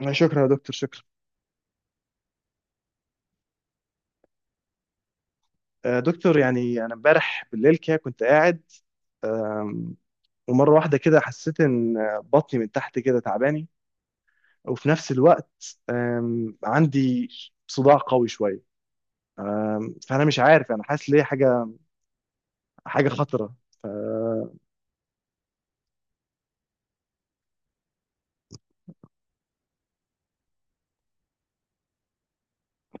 شكرا يا دكتور، شكرا. دكتور، يعني انا امبارح بالليل كده كنت قاعد. آم، ومره واحده كده حسيت ان بطني من تحت كده تعباني، وفي نفس الوقت عندي صداع قوي شويه، فانا مش عارف انا حاسس ليه حاجه، حاجه خطره.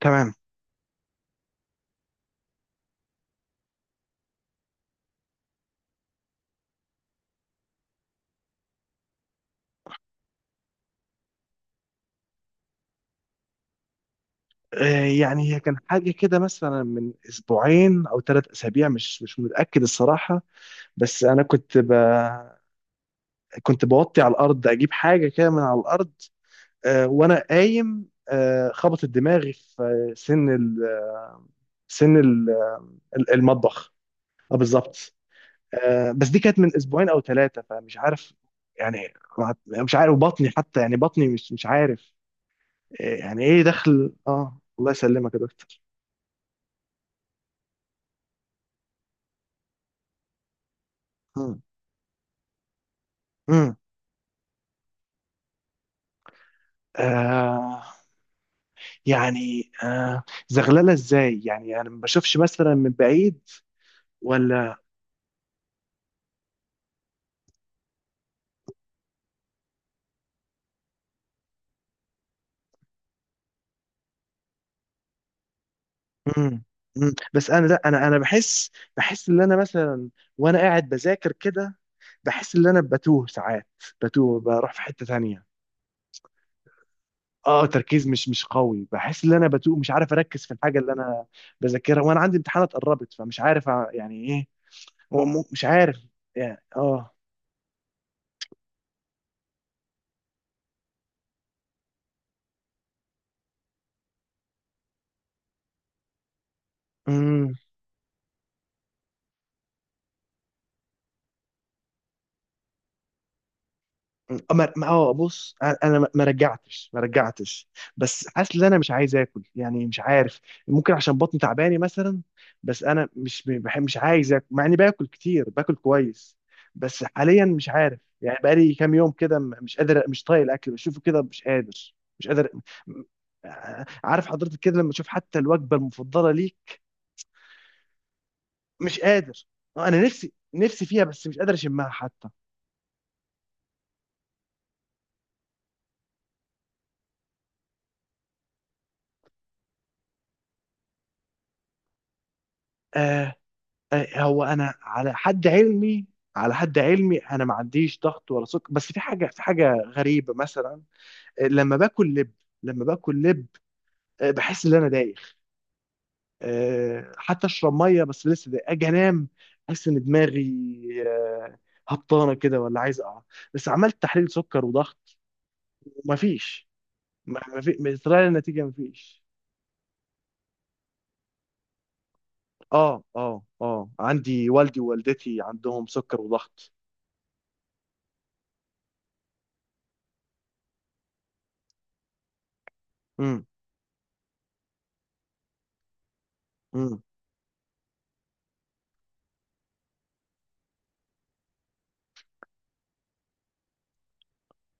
تمام. يعني هي كان حاجه كده مثلا من اسبوعين او ثلاث اسابيع، مش متاكد الصراحه. بس انا كنت بوطي على الارض اجيب حاجه كده من على الارض، وانا قايم خبطت دماغي في سن ال- المطبخ. اه، بالظبط. بس دي كانت من اسبوعين او ثلاثه، فمش عارف يعني. مش عارف بطني حتى، يعني بطني مش عارف. يعني ايه دخل، اه الله يسلمك يا دكتور. مم. مم. آه يعني زغلله ازاي؟ يعني انا ما بشوفش مثلا من بعيد ولا. امم بس انا لا، انا بحس، بحس ان انا مثلا وانا قاعد بذاكر كده، بحس ان انا بتوه ساعات، بتوه بروح في حتة تانية. اه، تركيز مش قوي، بحس ان انا بتوه، مش عارف اركز في الحاجة اللي انا بذاكرها، وانا عندي امتحانات قربت فمش عارف يعني ايه. هو مش عارف يعني، اه. امم اه بص انا، ما رجعتش، ما رجعتش. بس حاسس ان انا مش عايز اكل، يعني مش عارف، ممكن عشان بطني تعباني مثلا. بس انا مش بحب، مش عايز اكل، مع اني باكل كتير، باكل كويس. بس حاليا مش عارف، يعني بقالي كام يوم كده مش قادر، مش طايق الاكل، بشوفه كده مش قادر. مش قادر. م- عارف حضرتك كده لما تشوف حتى الوجبه المفضله ليك؟ مش قادر. انا نفسي نفسي فيها، بس مش قادر اشمها حتى. آه، هو انا على حد علمي، على حد علمي انا ما عنديش ضغط ولا سكر، بس في حاجه، في حاجه غريبه مثلا. لما باكل لب، لما باكل لب بحس ان انا دايخ، حتى اشرب ميه بس لسه دايخ، اجي انام احس ان دماغي آه، هبطانه كده، ولا عايز اقع. بس عملت تحليل سكر وضغط ومفيش، ما في، طلع لي النتيجه مفيش. اه، اه، اه، عندي والدي ووالدتي عندهم سكر وضغط. امم امم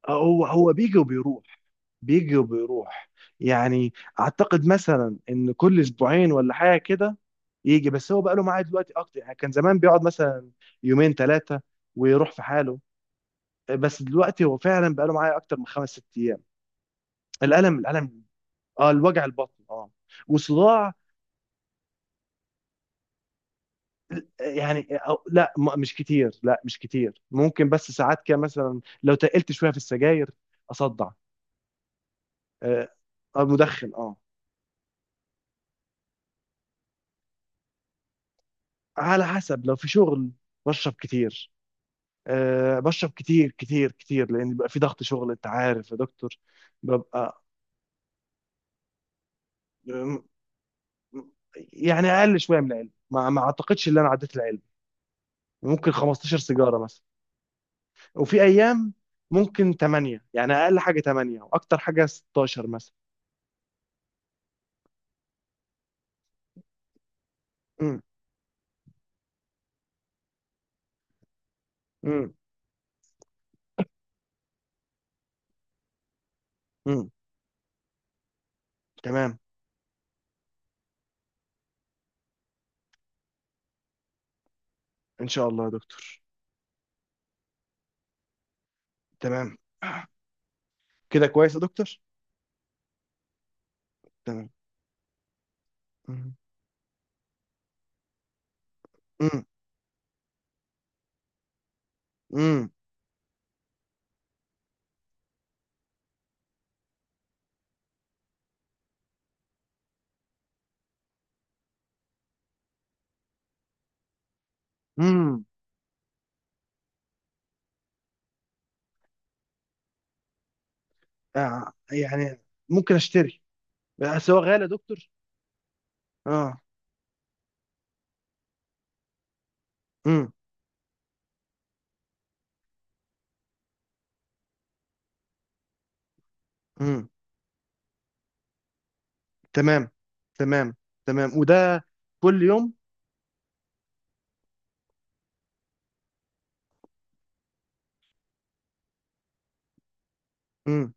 هو بيجي وبيروح، بيجي وبيروح. يعني اعتقد مثلا ان كل اسبوعين ولا حاجه كده يجي، بس هو بقى له معاد دلوقتي اكتر، يعني كان زمان بيقعد مثلا يومين ثلاثه ويروح في حاله، بس دلوقتي هو فعلا بقى له معايا اكتر من خمس ست ايام. الالم الالم، اه الوجع البطن اه، وصداع. يعني أو لا، مش كتير، لا مش كتير، ممكن بس ساعات كده مثلا لو تقلت شويه في السجاير اصدع. آه مدخن، اه. على حسب لو في شغل بشرب كتير. بشرب كتير كتير كتير، لان بيبقى في ضغط شغل، انت عارف يا دكتور. ببقى، أم، يعني اقل شويه من العلم، ما اعتقدش ان انا عديت العلم، ممكن 15 سيجاره مثلا. وفي ايام ممكن 8، يعني اقل حاجه 8 واكتر حاجه 16 مثلا. امم امم امم تمام. ان شاء الله يا دكتور. تمام. كده كويس يا دكتور. تمام. امم امم امم يعني ممكن اشتري، بس هو غالي يا دكتور. اه. امم تمام. تمام، تمام، وده كل يوم؟ امم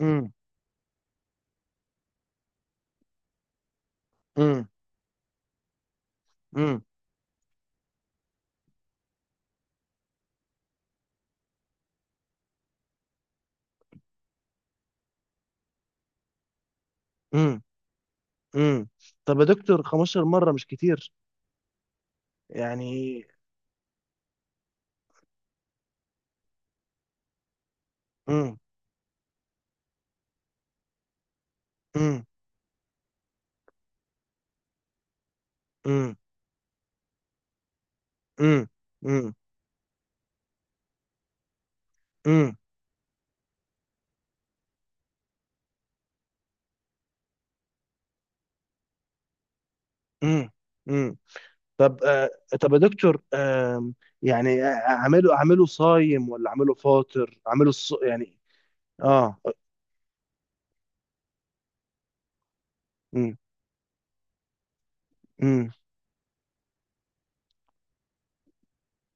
امم امم امم امم امم طب يا دكتور، 15 مرة مش كتير؟ يعني. امم امم امم امم امم امم امم امم طب. طب يا دكتور، يعني اعمله صايم، ولا اعمله فاطر، يعني. اه. امم امم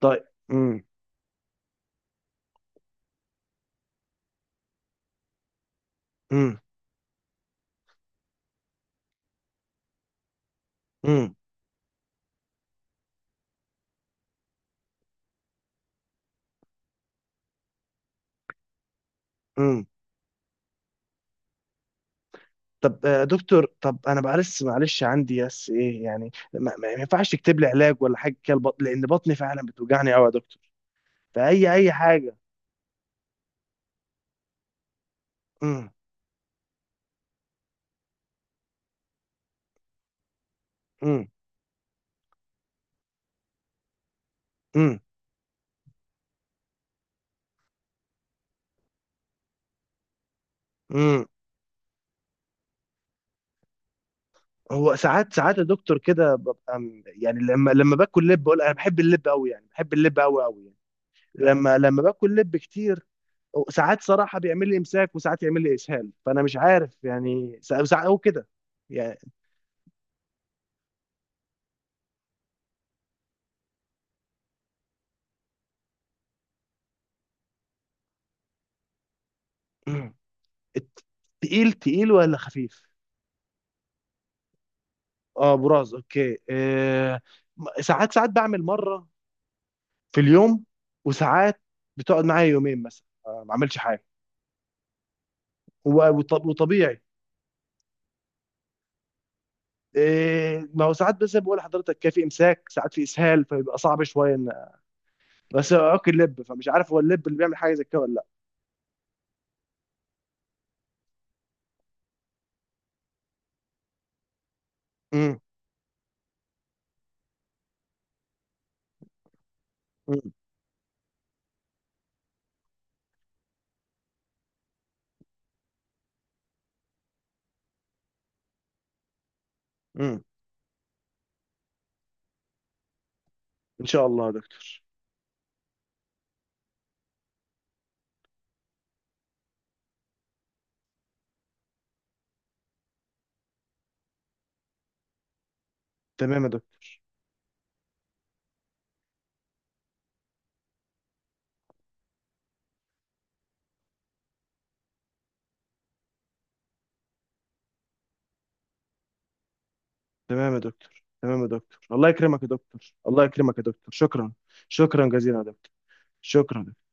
طيب. امم امم امم امم. طب دكتور، طب انا معلش، معلش عندي بس ايه، يعني ما ينفعش تكتب لي علاج ولا حاجه كده، البطن لان بطني فعلا بتوجعني قوي يا دكتور، فاي حاجه. امم امم امم امم هو ساعات ساعات يا دكتور كده ببقى يعني، لما باكل لب، بقول انا بحب اللب قوي، يعني بحب اللب قوي قوي يعني، لما باكل لب كتير، ساعات صراحه بيعمل لي امساك وساعات يعمل لي اسهال، فانا مش عارف يعني، ساعات هو كده يعني. مم. الت- تقيل تقيل ولا خفيف؟ اه براز، اوكي، ساعات ساعات بعمل مره في اليوم، وساعات بتقعد معايا يومين مثلا، ما عملش حاجه، هو وطبيعي. ما هو ساعات، بس بقول لحضرتك كان في امساك ساعات في اسهال، فبيبقى صعب شويه ان، بس اوكي اللب، فمش عارف هو اللب اللي بيعمل حاجه زي كده ولا لا. امم امم امم ان شاء الله يا دكتور. تمام يا دكتور، تمام يا دكتور. تمام يا دكتور، الله يكرمك يا دكتور. الله يكرمك يا دكتور، شكرا. شكرا جزيلا يا دكتور. شكرا.